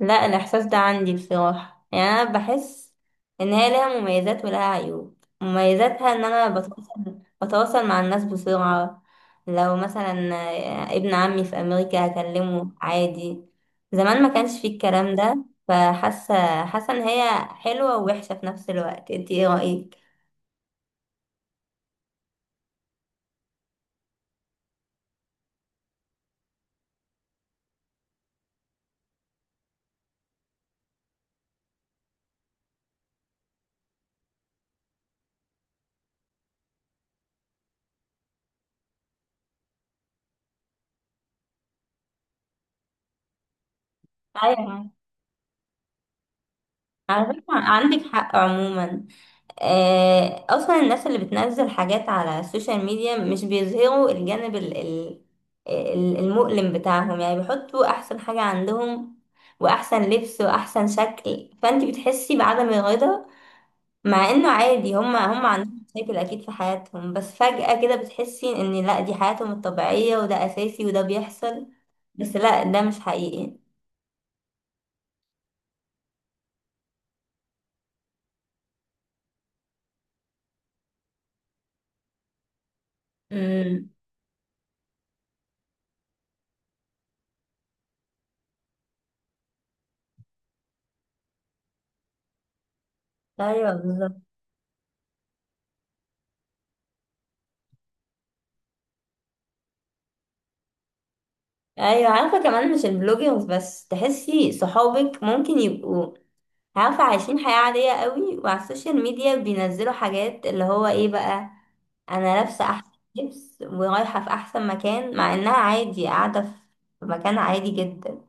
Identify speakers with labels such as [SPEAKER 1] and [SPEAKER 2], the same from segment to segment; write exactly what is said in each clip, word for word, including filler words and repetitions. [SPEAKER 1] لا، الإحساس ده عندي بصراحة، يعني أنا بحس إن هي ليها مميزات ولها عيوب. مميزاتها إن أنا بتواصل بتواصل مع الناس بسرعة. لو مثلا آه، ابن عمي في أمريكا هكلمه عادي. زمان ما كانش فيه الكلام ده، فحاسة حاسة إن هي حلوة ووحشة في نفس الوقت. انتي ايه رأيك؟ أيوة، على فكرة عندك حق عموما. آه، اصلا الناس اللي بتنزل حاجات على السوشيال ميديا مش بيظهروا الجانب ال- ال- ال- المؤلم بتاعهم، يعني بيحطوا احسن حاجة عندهم واحسن لبس واحسن شكل، فانت بتحسي بعدم الرضا. مع انه عادي، هما هما عندهم مشاكل اكيد في حياتهم، بس فجأة كده بتحسي ان لا، دي حياتهم الطبيعية وده اساسي وده بيحصل. بس لا، ده مش حقيقي. امم. ايوه بالظبط. ايوه، عارفه كمان مش البلوجرز بس، تحسي صحابك ممكن يبقوا عارفة عايشين حياة عادية قوي، وعلى السوشيال ميديا بينزلوا حاجات اللي هو ايه بقى، انا لابسة احسن لبس ورايحة في احسن مكان، مع انها عادي قاعدة في مكان عادي جدا.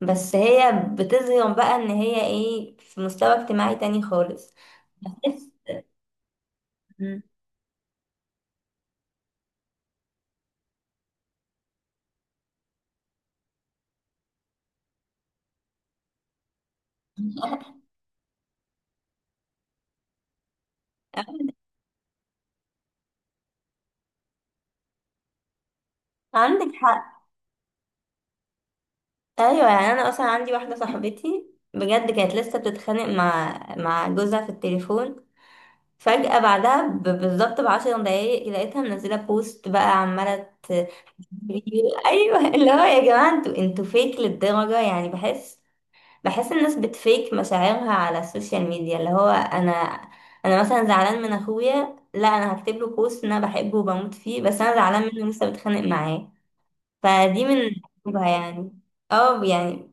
[SPEAKER 1] بس هي بتظهر بقى ان هي ايه، في مستوى اجتماعي تاني خالص. بحس. مم. عندك حق. ايوه، يعني انا اصلا عندي واحده صاحبتي، بجد كانت لسه بتتخانق مع مع جوزها في التليفون. فجأة بعدها ب- بالظبط بعشر دقايق لقيتها منزلة بوست بقى عمالة. ايوه، اللي هو يا جماعه انتوا انتوا فيك للدرجه، يعني بحس. بحس الناس بتفيك مشاعرها على السوشيال ميديا، اللي هو انا انا مثلا زعلان من اخويا، لا انا هكتب له بوست إن انا بحبه وبموت فيه، بس انا زعلان منه لسه بتخانق معاه. فدي من عيوبها يعني. اه، يعني.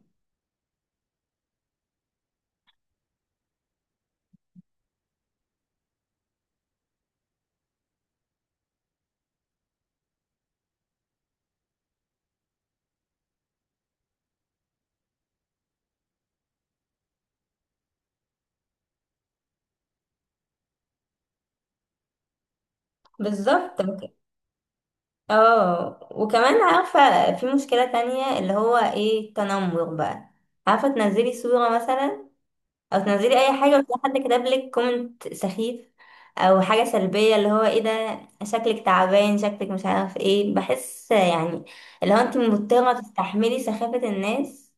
[SPEAKER 1] بالظبط. اه، وكمان عارفه في مشكله تانية اللي هو ايه، التنمر بقى. عارفه تنزلي صوره مثلا او تنزلي اي حاجه وتلاقي حد كتب لك كومنت سخيف او حاجه سلبيه، اللي هو ايه ده، شكلك تعبان، شكلك مش عارف ايه، بحس يعني اللي هو انت مضطره تستحملي سخافه الناس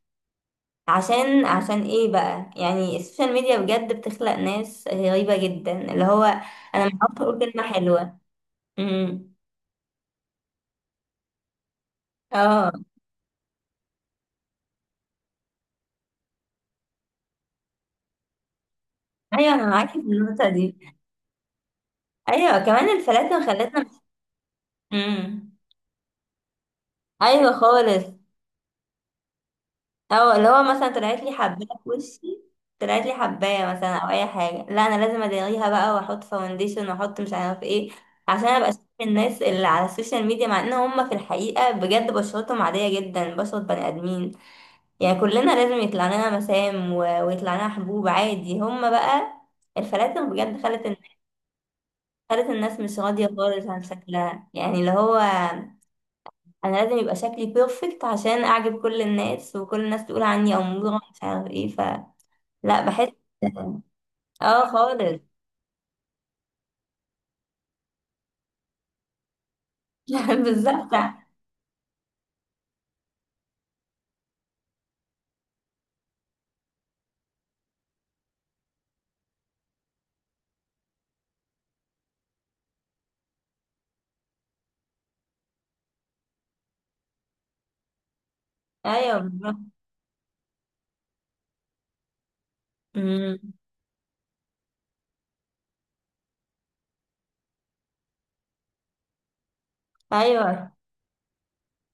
[SPEAKER 1] عشان عشان ايه بقى؟ يعني السوشيال ميديا بجد بتخلق ناس غريبه جدا، اللي هو انا ما اعرفش اقول كلمه حلوه. امم. اه. ايوه، انا معاكي في النقطه دي. ايوه كمان الفلاتر خلتنا. امم. ايوه خالص. او اللي هو مثلا طلعت لي حبايه في وشي، طلعت لي حبايه مثلا او اي حاجه، لا انا لازم اداريها بقى واحط فاونديشن واحط مش عارف ايه عشان ابقى شايف الناس اللي على السوشيال ميديا، مع ان هم في الحقيقه بجد بشرتهم عاديه جدا، بشره بني ادمين. يعني كلنا لازم يطلع لنا مسام و- ويطلع لنا حبوب عادي. هم بقى الفلاتر بجد خلت الن- خلت الناس مش راضيه خالص عن شكلها، يعني اللي هو انا لازم يبقى شكلي بيرفكت عشان اعجب كل الناس وكل الناس تقول عني اموره مش عارف ايه. لا، بحس. اه خالص. لا، بالظبط. ايوه بالظبط. أمم. ايوه،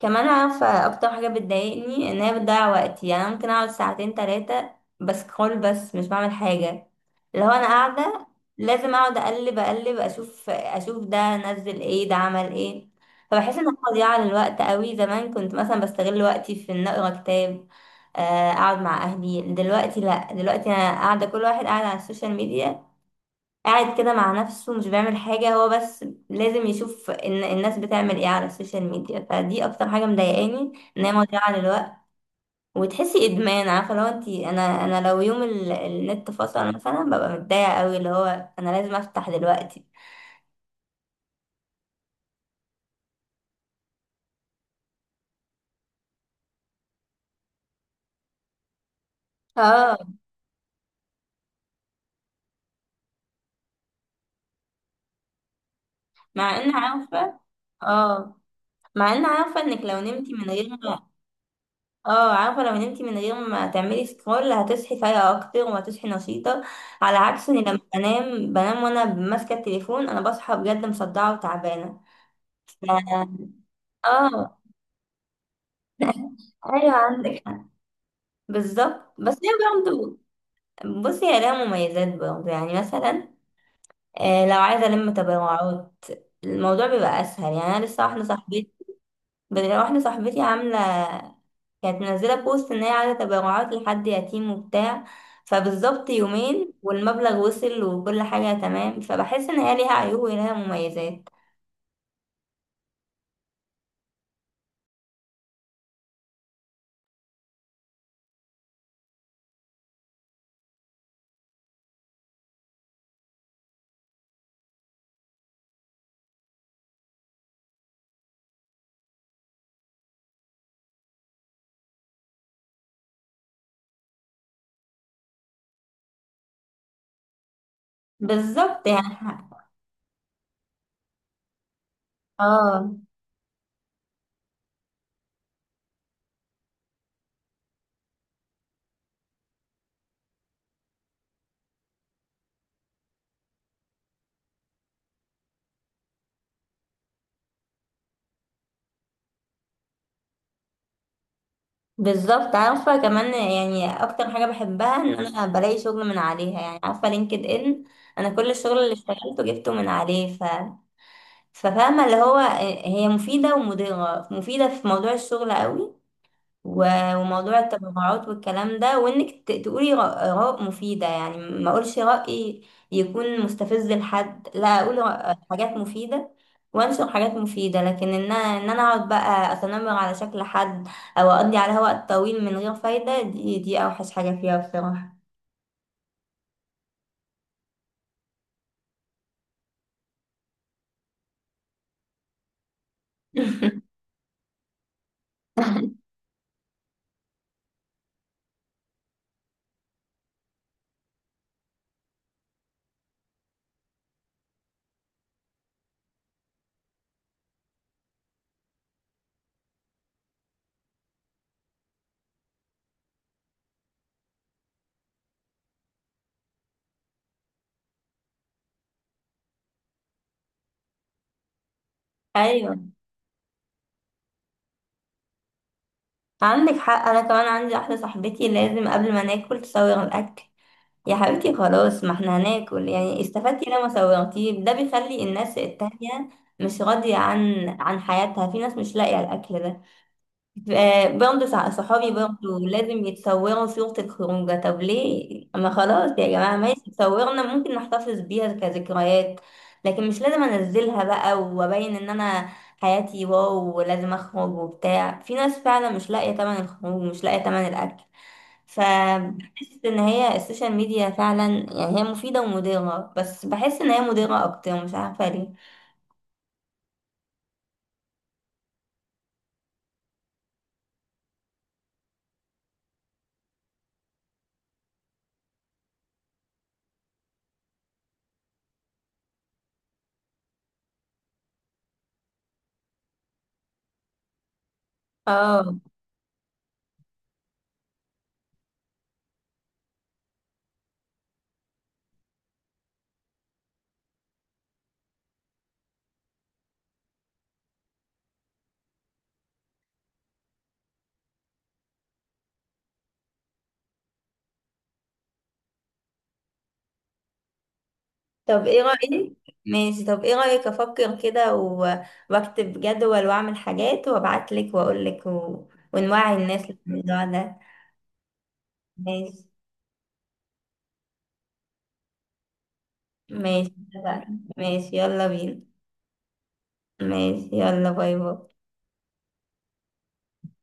[SPEAKER 1] كمان عارفه اكتر حاجه بتضايقني ان هي بتضيع وقتي، يعني أنا ممكن اقعد ساعتين ثلاثه بسكرول بس مش بعمل حاجه. لو انا قاعده لازم اقعد اقلب اقلب، اشوف اشوف ده نزل ايه، ده عمل ايه. فبحس ان أنا مضيعه للوقت قوي. زمان كنت مثلا بستغل وقتي في ان اقرا كتاب، آه، اقعد مع اهلي. دلوقتي لا، دلوقتي انا قاعده كل واحد قاعد على السوشيال ميديا، قاعد كده مع نفسه مش بيعمل حاجة، هو بس لازم يشوف ان الناس بتعمل ايه على السوشيال ميديا. فدي اكتر حاجة مضايقاني، ان هي مضيعة للوقت. وتحسي ادمان، عارفة لو انتي انا انا لو يوم ال- النت فصل مثلا ببقى متضايقة قوي، اللي هو انا لازم افتح دلوقتي. اه. مع ان عارفة. اه مع ان عارفة انك لو نمتي من غير. اه عارفة لو نمتي من غير ما تعملي سكرول هتصحي فايقة أكتر وهتصحي نشيطة، على عكس إني لما بنام بنام وأنا ماسكة التليفون، أنا بصحى بجد مصدعة وتعبانة. ف- اه ايوه، عندك حق. بالظبط، بس هي برضه، بصي هي لها مميزات برضه، يعني مثلا آه، لو عايزه الم تبرعات الموضوع بيبقى اسهل. يعني انا لسه واحده صاحبتي واحده صاحبتي عامله، كانت منزلة بوست إن هي عايزة تبرعات لحد يتيم وبتاع، فبالظبط يومين والمبلغ وصل وكل حاجة تمام. فبحس إن هي ليها عيوب وليها مميزات. بالظبط، يعني اه، بالظبط. عارفة كمان يعني أكتر حاجة بحبها إن أنا بلاقي شغل من عليها، يعني عارفة لينكد إن، أنا كل الشغل اللي اشتغلته جبته من عليه. ف... ففاهمة اللي هو آه، هي مفيدة ومضرة، مفيدة في موضوع الشغل قوي و- وموضوع التبرعات والكلام ده، وانك ت- تقولي ر- اراء مفيده، يعني ما اقولش راي يكون مستفز لحد، لا اقول ر- حاجات مفيده وانشر حاجات مفيده. لكن ان انا ان انا اقعد بقى اتنمر على شكل حد او اقضي عليها وقت طويل من غير فايده، دي دي اوحش حاجه فيها بصراحه. ايوه، عندك حق. انا كمان عندي واحده صاحبتي لازم قبل ما ناكل تصوغ الاكل، يا حبيبتي خلاص، ما احنا هناكل يعني، استفدتي لما صوغتيه؟ ده بيخلي الناس التانية مش راضيه عن عن حياتها. في ناس مش لاقيه الاكل ده. آه، برضه صع- صحابي برضه لازم يتصوروا صورة الخروجة، طب ليه؟ ما خلاص يا جماعة ماشي، صورنا ممكن نحتفظ بيها كذكريات لكن مش لازم انزلها بقى وابين ان انا حياتي واو، ولازم اخرج وبتاع. في ناس فعلا مش لاقية تمن الخروج، مش لاقية تمن الاكل. فبحس ان هي السوشيال ميديا فعلا، يعني هي مفيدة ومضرة، بس بحس ان هي مضرة اكتر مش عارفة ليه. اه، طب ايه رأيك؟ ماشي، طب ايه رأيك افكر كده و- واكتب جدول واعمل حاجات وابعت لك واقول لك و... ونوعي الناس للموضوع ده. ماشي. ماشي، اتفقنا. ماشي يلا بينا. ماشي، يلا باي باي.